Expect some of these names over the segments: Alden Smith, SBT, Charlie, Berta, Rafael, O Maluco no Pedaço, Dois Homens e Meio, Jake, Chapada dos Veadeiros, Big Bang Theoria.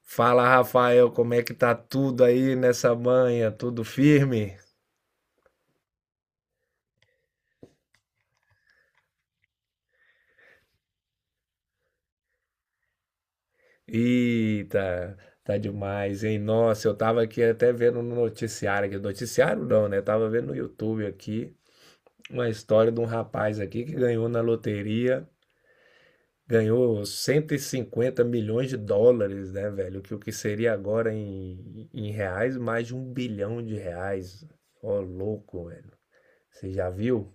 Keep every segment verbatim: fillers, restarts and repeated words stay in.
Fala, Rafael, como é que tá tudo aí nessa manhã? Tudo firme? Eita, tá demais, hein? Nossa, eu tava aqui até vendo no noticiário aqui, noticiário não, né? Tava vendo no YouTube aqui uma história de um rapaz aqui que ganhou na loteria, ganhou cento e cinquenta milhões de dólares, né, velho? Que o que seria agora em, em reais, mais de um bilhão de reais. Ó, louco, velho. Você já viu?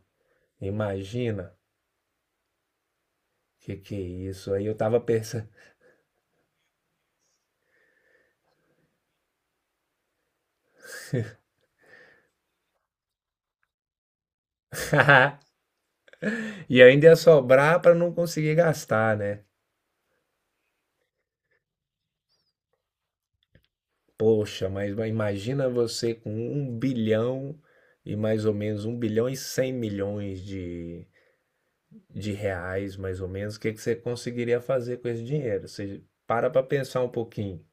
Imagina. Que que é isso? Aí eu tava pensando. E ainda ia sobrar para não conseguir gastar, né? Poxa, mas imagina você com um bilhão e mais ou menos um bilhão e cem milhões de, de reais, mais ou menos, o que que você conseguiria fazer com esse dinheiro? Você para para pensar um pouquinho.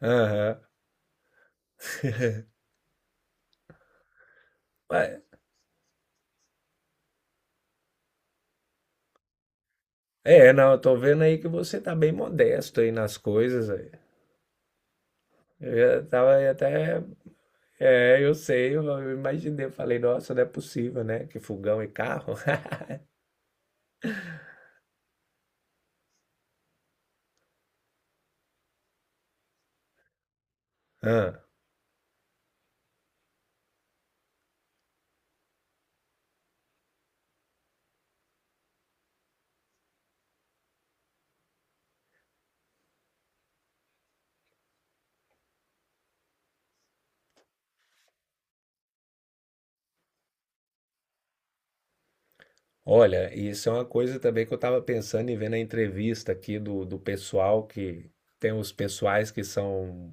Aham. Ué, é, não, eu tô vendo aí que você tá bem modesto aí nas coisas aí. Eu já tava aí até. É, eu sei, eu imaginei, eu falei, nossa, não é possível, né? Que fogão e carro. Ah. Olha, isso é uma coisa também que eu estava pensando em ver na entrevista aqui do, do pessoal que tem os pessoais que são,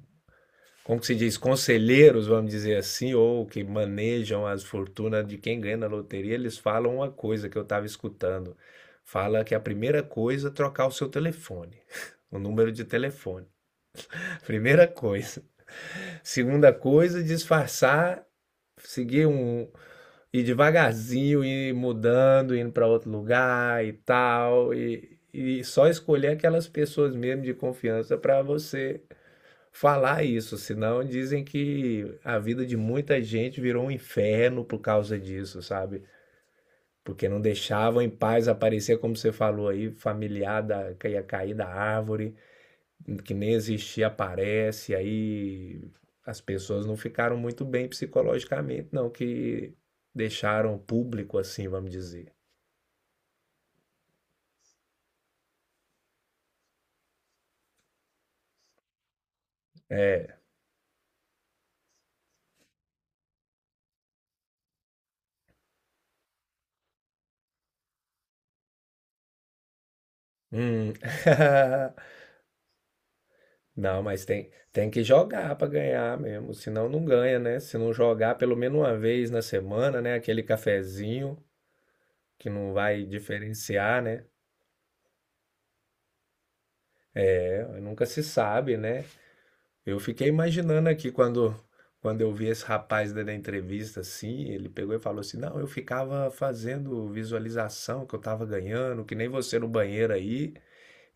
como que se diz, conselheiros, vamos dizer assim, ou que manejam as fortunas de quem ganha na loteria, eles falam uma coisa que eu estava escutando. Fala que a primeira coisa é trocar o seu telefone, o número de telefone. Primeira coisa. Segunda coisa, disfarçar, seguir um, e devagarzinho ir mudando, indo para outro lugar e tal, e, e só escolher aquelas pessoas mesmo de confiança para você falar isso, senão dizem que a vida de muita gente virou um inferno por causa disso, sabe? Porque não deixavam em paz aparecer, como você falou aí, familiar da, que ia cair da árvore, que nem existia aparece, aí as pessoas não ficaram muito bem psicologicamente, não, que deixaram público assim, vamos dizer. É, hum. Não, mas tem, tem que jogar para ganhar mesmo, senão não ganha, né? Se não jogar pelo menos uma vez na semana, né? Aquele cafezinho que não vai diferenciar, né? É, nunca se sabe, né? Eu fiquei imaginando aqui quando, quando eu vi esse rapaz dando a entrevista assim, ele pegou e falou assim: não, eu ficava fazendo visualização que eu tava ganhando, que nem você no banheiro aí,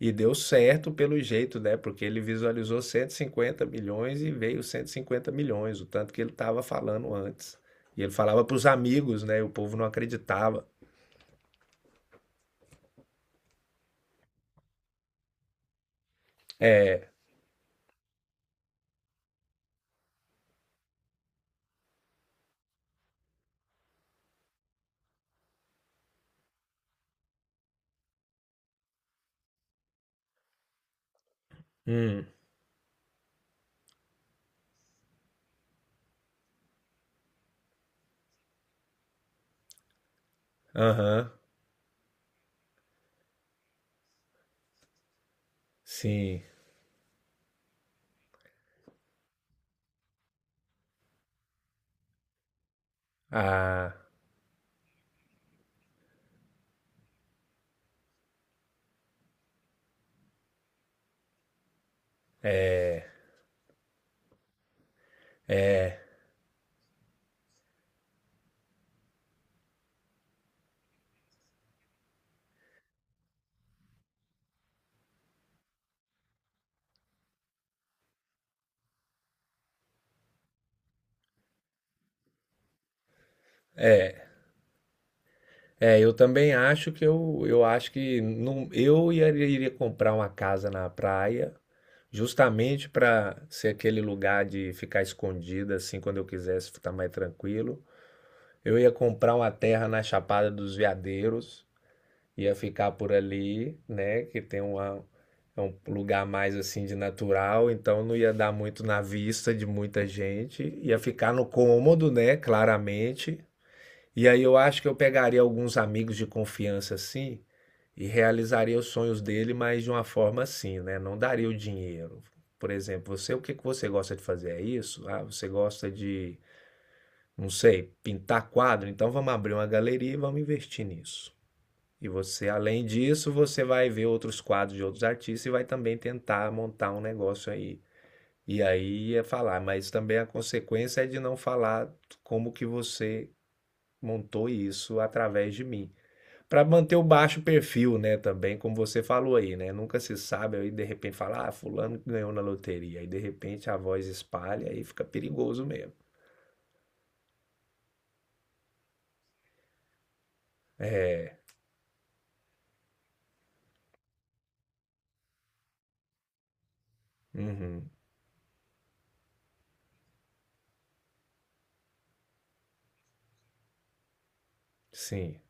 e deu certo pelo jeito, né? Porque ele visualizou cento e cinquenta milhões e veio cento e cinquenta milhões, o tanto que ele tava falando antes. E ele falava pros amigos, né? E o povo não acreditava. É, hum, aham, sim, ah. É, eu também acho que eu, eu acho que não, eu ia- iria comprar uma casa na praia, justamente para ser aquele lugar de ficar escondida, assim, quando eu quisesse ficar mais tranquilo. Eu ia comprar uma terra na Chapada dos Veadeiros, ia ficar por ali, né, que tem uma, é um lugar mais assim de natural, então não ia dar muito na vista de muita gente, ia ficar no cômodo, né, claramente. E aí eu acho que eu pegaria alguns amigos de confiança assim e realizaria os sonhos dele, mas de uma forma assim, né? Não daria o dinheiro. Por exemplo, você, o que que você gosta de fazer? É isso? Ah, você gosta de, não sei, pintar quadro? Então vamos abrir uma galeria e vamos investir nisso. E você, além disso, você vai ver outros quadros de outros artistas e vai também tentar montar um negócio aí. E aí é falar, mas também a consequência é de não falar como que você montou isso através de mim. Para manter o baixo perfil, né, também, como você falou aí, né? Nunca se sabe, aí de repente fala, ah, fulano que ganhou na loteria, aí de repente a voz espalha e fica perigoso mesmo. É, uhum, sim.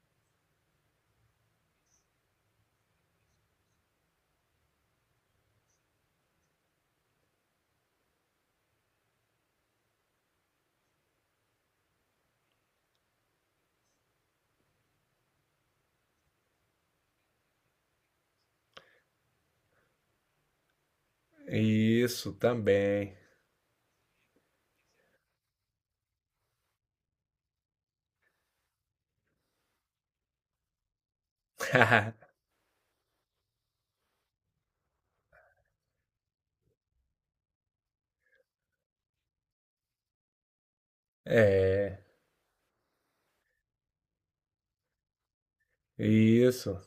Isso também. É, isso.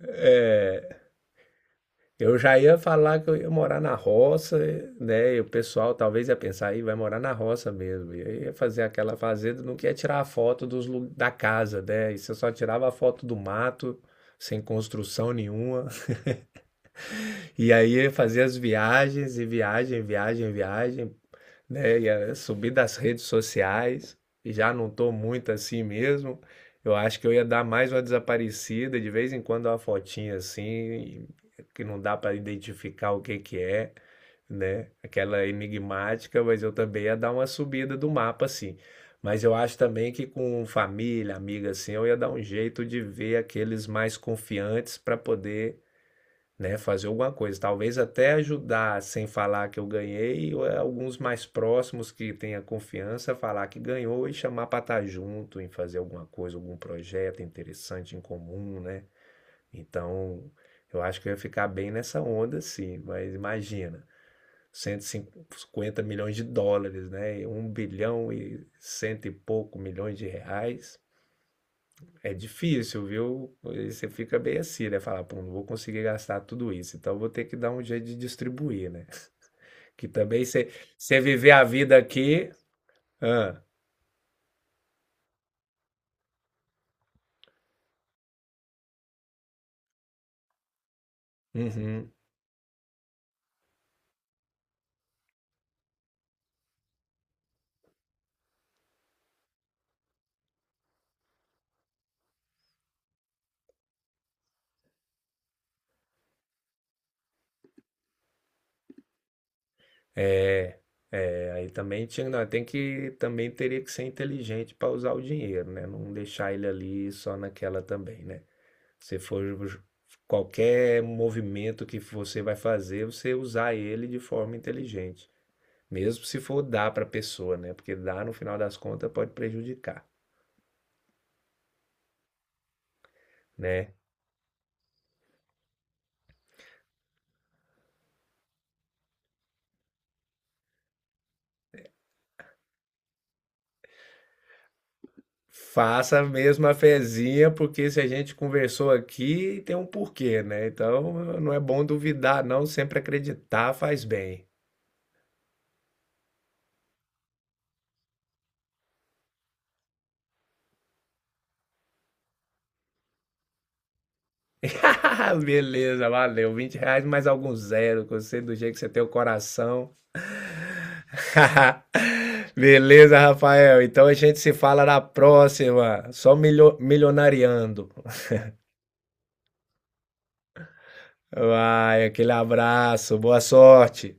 É, eu já ia falar que eu ia morar na roça, né? E o pessoal talvez ia pensar, aí vai morar na roça mesmo. E aí ia fazer aquela fazenda, não queria tirar a foto dos, lu- da casa, né? E você só tirava a foto do mato, sem construção nenhuma. E aí ia fazer as viagens, e viagem, viagem, viagem, né? E eh, subi das redes sociais, e já não tô muito assim mesmo. Eu acho que eu ia dar mais uma desaparecida, de vez em quando uma fotinha assim, que não dá para identificar o que que é, né? Aquela enigmática, mas eu também ia dar uma subida do mapa assim. Mas eu acho também que com família, amiga assim, eu ia dar um jeito de ver aqueles mais confiantes para poder, né? Fazer alguma coisa, talvez até ajudar sem falar que eu ganhei, ou é alguns mais próximos que tenha confiança falar que ganhou e chamar para estar junto em fazer alguma coisa, algum projeto interessante em comum, né? Então, eu acho que eu ia ficar bem nessa onda, sim, mas imagina. Cento e cinquenta milhões de dólares, né? Um bilhão e cento e pouco milhões de reais. É difícil, viu? Você fica bem assim, né? Falar, pô, não vou conseguir gastar tudo isso, então vou ter que dar um jeito de distribuir, né? Que também você você viver a vida aqui. Ah, uhum. É, aí também tinha, não, tem que também teria que ser inteligente para usar o dinheiro, né? Não deixar ele ali só naquela também, né? Se for ju- Qualquer movimento que você vai fazer, você usar ele de forma inteligente, mesmo se for dar para a pessoa, né? Porque dar no final das contas pode prejudicar. Né? Faça a mesma fezinha, porque se a gente conversou aqui, tem um porquê, né? Então não é bom duvidar, não. Sempre acreditar faz bem. Beleza, valeu. Vinte reais mais algum zero, que eu do jeito que você tem o coração. Beleza, Rafael. Então a gente se fala na próxima. Só milho- milionariando. Vai, aquele abraço, boa sorte.